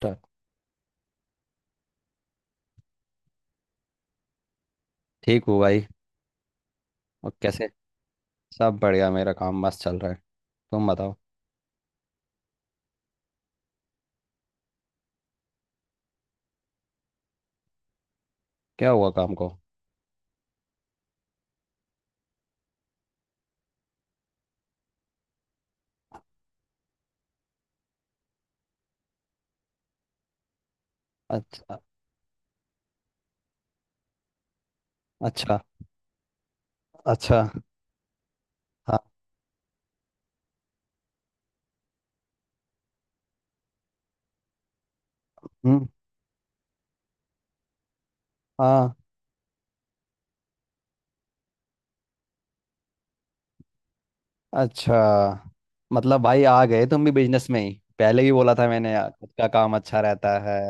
ता- ठीक हूँ भाई। और कैसे? सब बढ़िया, मेरा काम मस्त चल रहा है। तुम बताओ। क्या हुआ काम को? अच्छा। अच्छा। अच्छा। हाँ। हम्म। हाँ। अच्छा, मतलब भाई आ गए तुम भी बिजनेस में ही। पहले ही बोला था मैंने यार, खुद का काम अच्छा रहता है।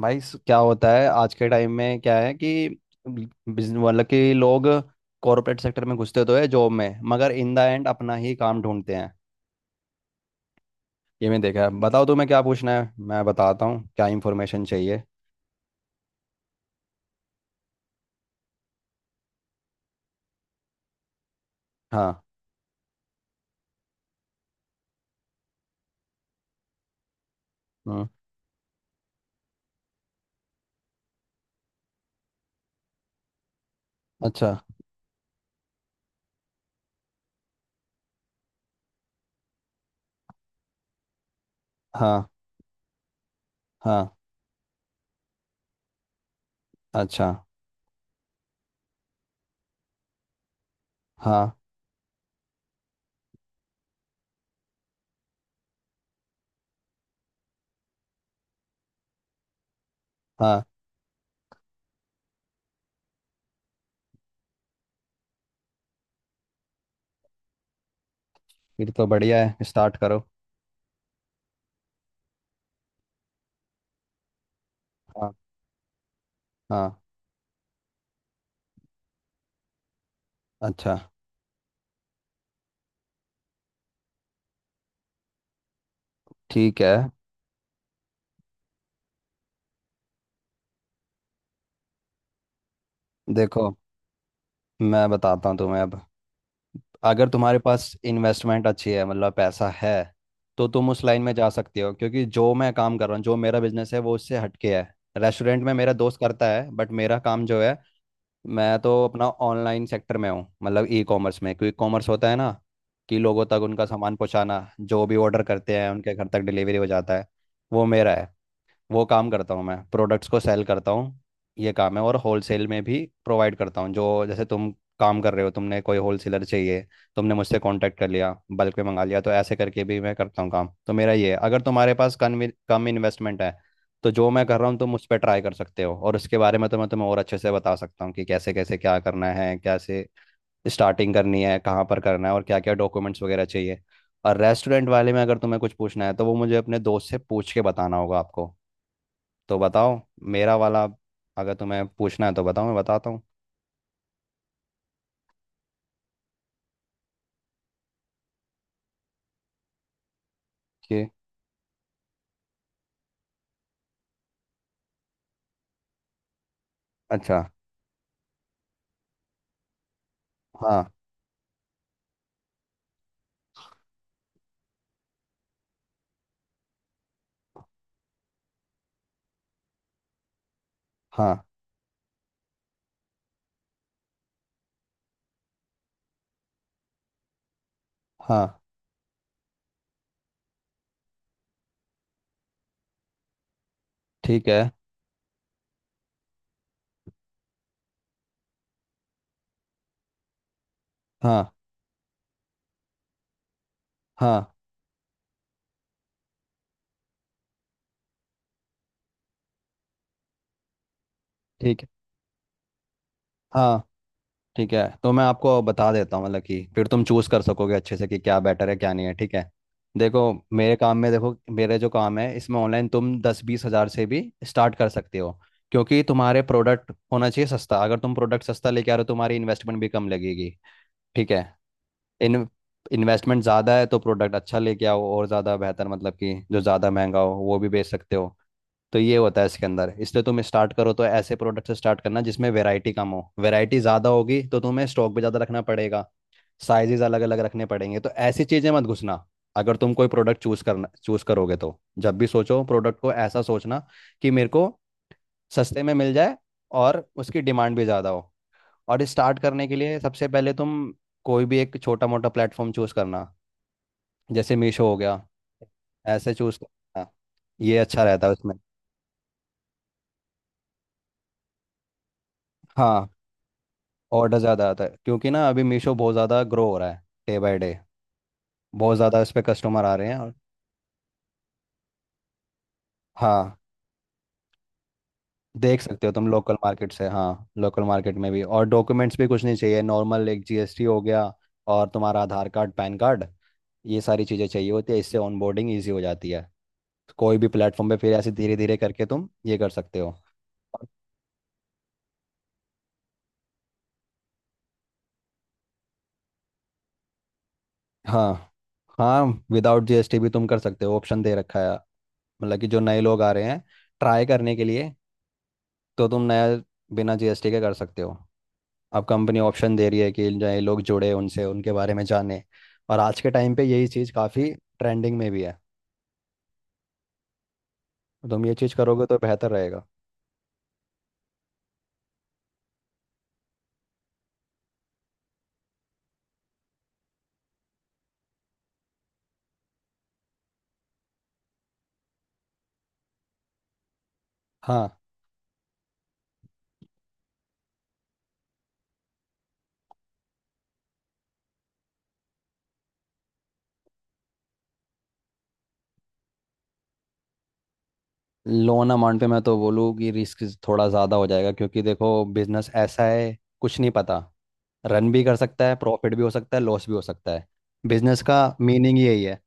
भाई क्या होता है आज के टाइम में, क्या है कि बिजनेस मतलब कि लोग कॉरपोरेट सेक्टर में घुसते तो है जॉब में, मगर इन द एंड अपना ही काम ढूंढते हैं। ये मैं देखा है। बताओ तुम्हें क्या पूछना है, मैं बताता हूँ क्या इंफॉर्मेशन चाहिए। हाँ। हम्म। अच्छा। हाँ। हाँ। अच्छा। हाँ। हाँ, फिर तो बढ़िया है, स्टार्ट करो। हाँ। हाँ। अच्छा। ठीक है। देखो, मैं बताता हूँ तुम्हें अब। अगर तुम्हारे पास इन्वेस्टमेंट अच्छी है, मतलब पैसा है, तो तुम उस लाइन में जा सकती हो, क्योंकि जो मैं काम कर रहा हूँ, जो मेरा बिजनेस है वो उससे हटके है। रेस्टोरेंट में मेरा दोस्त करता है, बट मेरा काम जो है, मैं तो अपना ऑनलाइन सेक्टर में हूँ, मतलब ई कॉमर्स में। क्विक कॉमर्स होता है ना, कि लोगों तक उनका सामान पहुँचाना, जो भी ऑर्डर करते हैं उनके घर तक डिलीवरी हो जाता है। वो मेरा है, वो काम करता हूँ मैं। प्रोडक्ट्स को सेल करता हूँ, ये काम है। और होलसेल में भी प्रोवाइड करता हूँ। जो जैसे तुम काम कर रहे हो, तुमने कोई होलसेलर चाहिए, तुमने मुझसे कांटेक्ट कर लिया, बल्क में मंगा लिया, तो ऐसे करके भी मैं करता हूँ। काम तो मेरा ये है। अगर तुम्हारे पास कम कम इन्वेस्टमेंट है तो जो मैं कर रहा हूँ तुम उस पर ट्राई कर सकते हो। और उसके बारे में तो मैं तुम्हें और अच्छे से बता सकता हूँ कि कैसे कैसे क्या करना है, कैसे स्टार्टिंग करनी है, कहाँ पर करना है, और क्या क्या डॉक्यूमेंट्स वगैरह चाहिए। और रेस्टोरेंट वाले में अगर तुम्हें कुछ पूछना है तो वो मुझे अपने दोस्त से पूछ के बताना होगा आपको। तो बताओ मेरा वाला, अगर तुम्हें पूछना है तो बताओ मैं बताता हूँ कि। अच्छा। हाँ। हाँ। हाँ। ठीक है। हाँ। हाँ। ठीक है। हाँ। ठीक है, तो मैं आपको बता देता हूँ, मतलब कि फिर तुम चूज़ कर सकोगे अच्छे से कि क्या बेटर है, क्या नहीं है। ठीक है? देखो, मेरे काम में, देखो मेरे जो काम है, इसमें ऑनलाइन तुम 10-20 हज़ार से भी स्टार्ट कर सकते हो। क्योंकि तुम्हारे प्रोडक्ट होना चाहिए सस्ता। अगर तुम प्रोडक्ट सस्ता लेके आ रहे हो तुम्हारी इन्वेस्टमेंट भी कम लगेगी, ठीक है? इन इन्वेस्टमेंट ज़्यादा है तो प्रोडक्ट अच्छा लेके आओ और ज़्यादा बेहतर, मतलब कि जो ज़्यादा महंगा हो वो भी बेच सकते हो। तो ये होता है इसके अंदर। इसलिए तुम स्टार्ट करो तो ऐसे प्रोडक्ट से स्टार्ट करना जिसमें वैरायटी कम हो। वैरायटी ज़्यादा होगी तो तुम्हें स्टॉक भी ज़्यादा रखना पड़ेगा, साइजेस अलग अलग रखने पड़ेंगे, तो ऐसी चीज़ें मत घुसना। अगर तुम कोई प्रोडक्ट चूज करोगे तो जब भी सोचो प्रोडक्ट को ऐसा सोचना कि मेरे को सस्ते में मिल जाए और उसकी डिमांड भी ज़्यादा हो। और स्टार्ट करने के लिए सबसे पहले तुम कोई भी एक छोटा मोटा प्लेटफॉर्म चूज करना, जैसे मीशो हो गया, ऐसे चूज करना। ये अच्छा रहता है उसमें। हाँ, ऑर्डर ज़्यादा आता है, क्योंकि ना अभी मीशो बहुत ज़्यादा ग्रो हो रहा है डे बाय डे। बहुत ज़्यादा इस पे कस्टमर आ रहे हैं। और हाँ, देख सकते हो तुम लोकल मार्केट से, हाँ लोकल मार्केट में भी। और डॉक्यूमेंट्स भी कुछ नहीं चाहिए, नॉर्मल एक GST हो गया और तुम्हारा आधार कार्ड, पैन कार्ड, ये सारी चीज़ें चाहिए होती है। इससे ऑनबोर्डिंग ईजी हो जाती है कोई भी प्लेटफॉर्म पे। फिर ऐसे धीरे धीरे करके तुम ये कर सकते हो। हाँ। हाँ, विदाउट GST भी तुम कर सकते हो, ऑप्शन दे रखा है, मतलब कि जो नए लोग आ रहे हैं ट्राई करने के लिए, तो तुम नया बिना GST के कर सकते हो। अब कंपनी ऑप्शन दे रही है कि नए लोग जुड़े, उनसे उनके बारे में जाने। और आज के टाइम पे यही चीज़ काफ़ी ट्रेंडिंग में भी है। तुम ये चीज़ करोगे तो बेहतर रहेगा। हाँ, लोन अमाउंट पे मैं तो बोलूँ कि रिस्क थोड़ा ज़्यादा हो जाएगा, क्योंकि देखो बिजनेस ऐसा है, कुछ नहीं पता। रन भी कर सकता है, प्रॉफिट भी हो सकता है, लॉस भी हो सकता है। बिजनेस का मीनिंग यही है।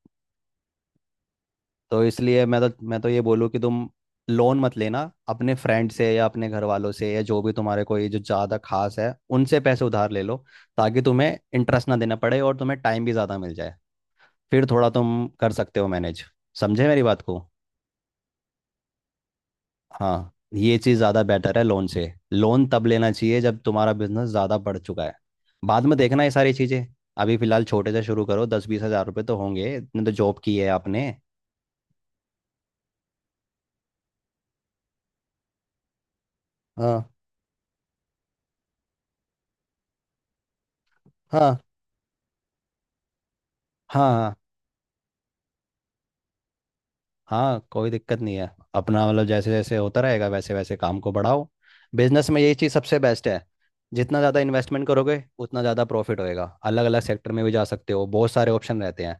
तो इसलिए मैं तो ये बोलूँ कि तुम लोन मत लेना। अपने फ्रेंड से या अपने घर वालों से या जो भी तुम्हारे कोई जो ज़्यादा खास है उनसे पैसे उधार ले लो, ताकि तुम्हें इंटरेस्ट ना देना पड़े और तुम्हें टाइम भी ज़्यादा मिल जाए, फिर थोड़ा तुम कर सकते हो मैनेज। समझे मेरी बात को? हाँ, ये चीज़ ज़्यादा बेटर है लोन से। लोन तब लेना चाहिए जब तुम्हारा बिजनेस ज़्यादा बढ़ चुका है, बाद में देखना ये सारी चीज़ें। अभी फ़िलहाल छोटे से शुरू करो, 10-20 हज़ार रुपये तो होंगे, इतने तो जॉब की है आपने। हाँ। हाँ। हाँ। हाँ। हाँ, कोई दिक्कत नहीं है। अपना मतलब जैसे जैसे होता रहेगा वैसे वैसे काम को बढ़ाओ। बिजनेस में यही चीज़ सबसे बेस्ट है। जितना ज़्यादा इन्वेस्टमेंट करोगे उतना ज़्यादा प्रॉफिट होएगा। अलग अलग सेक्टर में भी जा सकते हो, बहुत सारे ऑप्शन रहते हैं।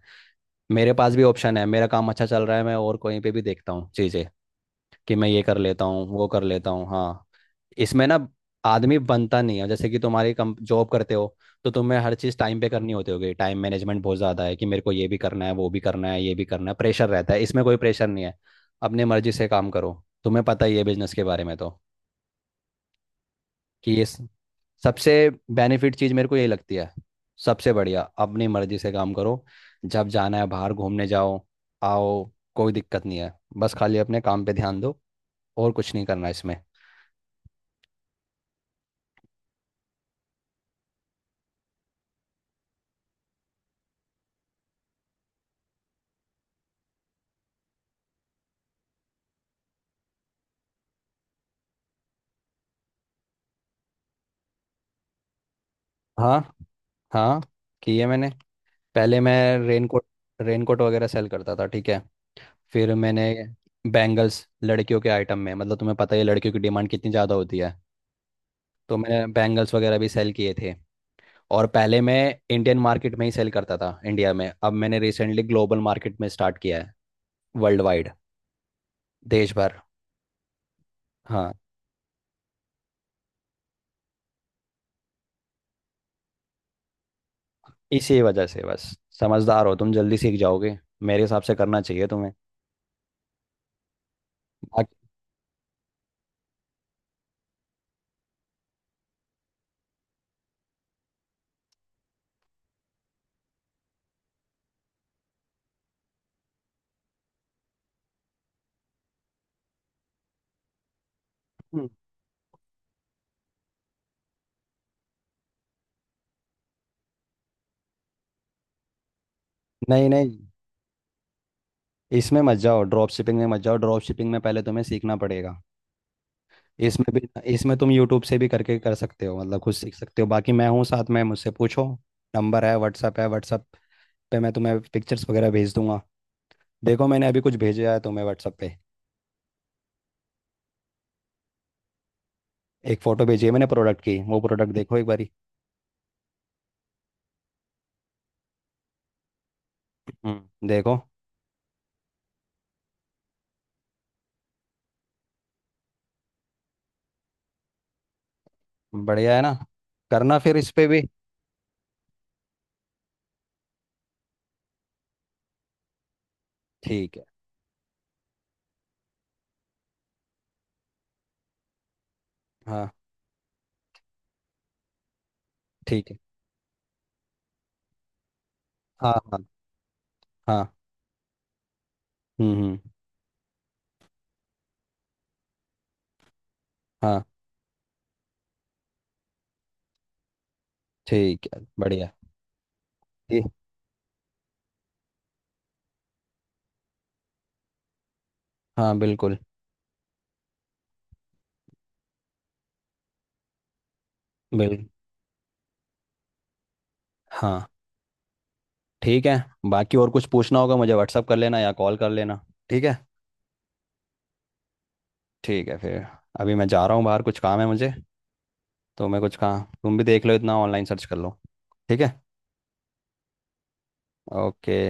मेरे पास भी ऑप्शन है, मेरा काम अच्छा चल रहा है, मैं और कहीं पे भी देखता हूँ चीज़ें कि मैं ये कर लेता हूँ, वो कर लेता हूँ। हाँ, इसमें ना आदमी बनता नहीं है। जैसे कि तुम्हारी कम जॉब करते हो तो तुम्हें हर चीज़ टाइम पे करनी होती होगी, टाइम मैनेजमेंट बहुत ज़्यादा है कि मेरे को ये भी करना है, वो भी करना है, ये भी करना है, प्रेशर रहता है। इसमें कोई प्रेशर नहीं है, अपने मर्जी से काम करो। तुम्हें पता ही है बिजनेस के बारे में तो, कि सबसे बेनिफिट चीज़ मेरे को यही लगती है। सबसे बढ़िया, अपनी मर्जी से काम करो, जब जाना है बाहर घूमने जाओ आओ, कोई दिक्कत नहीं है। बस खाली अपने काम पे ध्यान दो और कुछ नहीं करना इसमें। हाँ। हाँ, किए मैंने। पहले मैं रेनकोट, रेनकोट वगैरह सेल करता था, ठीक है? फिर मैंने बैंगल्स, लड़कियों के आइटम में, मतलब तुम्हें पता ही है लड़कियों की डिमांड कितनी ज़्यादा होती है, तो मैंने बैंगल्स वगैरह भी सेल किए थे। और पहले मैं इंडियन मार्केट में ही सेल करता था, इंडिया में। अब मैंने रिसेंटली ग्लोबल मार्केट में स्टार्ट किया है, वर्ल्ड वाइड, देश भर। हाँ, इसी वजह से बस। समझदार हो तुम, जल्दी सीख जाओगे। मेरे हिसाब से करना चाहिए तुम्हें। बाकी- हम्म, नहीं नहीं, इसमें मत जाओ, ड्रॉप शिपिंग में मत जाओ। ड्रॉप शिपिंग में पहले तुम्हें सीखना पड़ेगा, इसमें भी। इसमें तुम यूट्यूब से भी करके कर सकते हो, मतलब खुद सीख सकते हो। बाकी मैं हूँ साथ में, मुझसे पूछो। नंबर है, व्हाट्सअप है, व्हाट्सअप पे मैं तुम्हें पिक्चर्स वगैरह भेज दूंगा। देखो मैंने अभी कुछ भेजा है तुम्हें व्हाट्सअप पे। एक फ़ोटो भेजी है मैंने प्रोडक्ट की, वो प्रोडक्ट देखो एक बारी। हम्म, देखो। बढ़िया है ना? करना फिर इस पे भी। ठीक है। हाँ। ठीक है। हाँ। हाँ। हाँ। हम्म। हम्म। हाँ। ठीक है, बढ़िया। ये। हाँ, बिल्कुल, बिल्कुल। हाँ, ठीक है। बाकी और कुछ पूछना होगा मुझे व्हाट्सअप कर लेना या कॉल कर लेना, ठीक है? ठीक है फिर, अभी मैं जा रहा हूँ बाहर, कुछ काम है मुझे। तो मैं कुछ काम, तुम भी देख लो इतना, ऑनलाइन सर्च कर लो, ठीक है? ओके।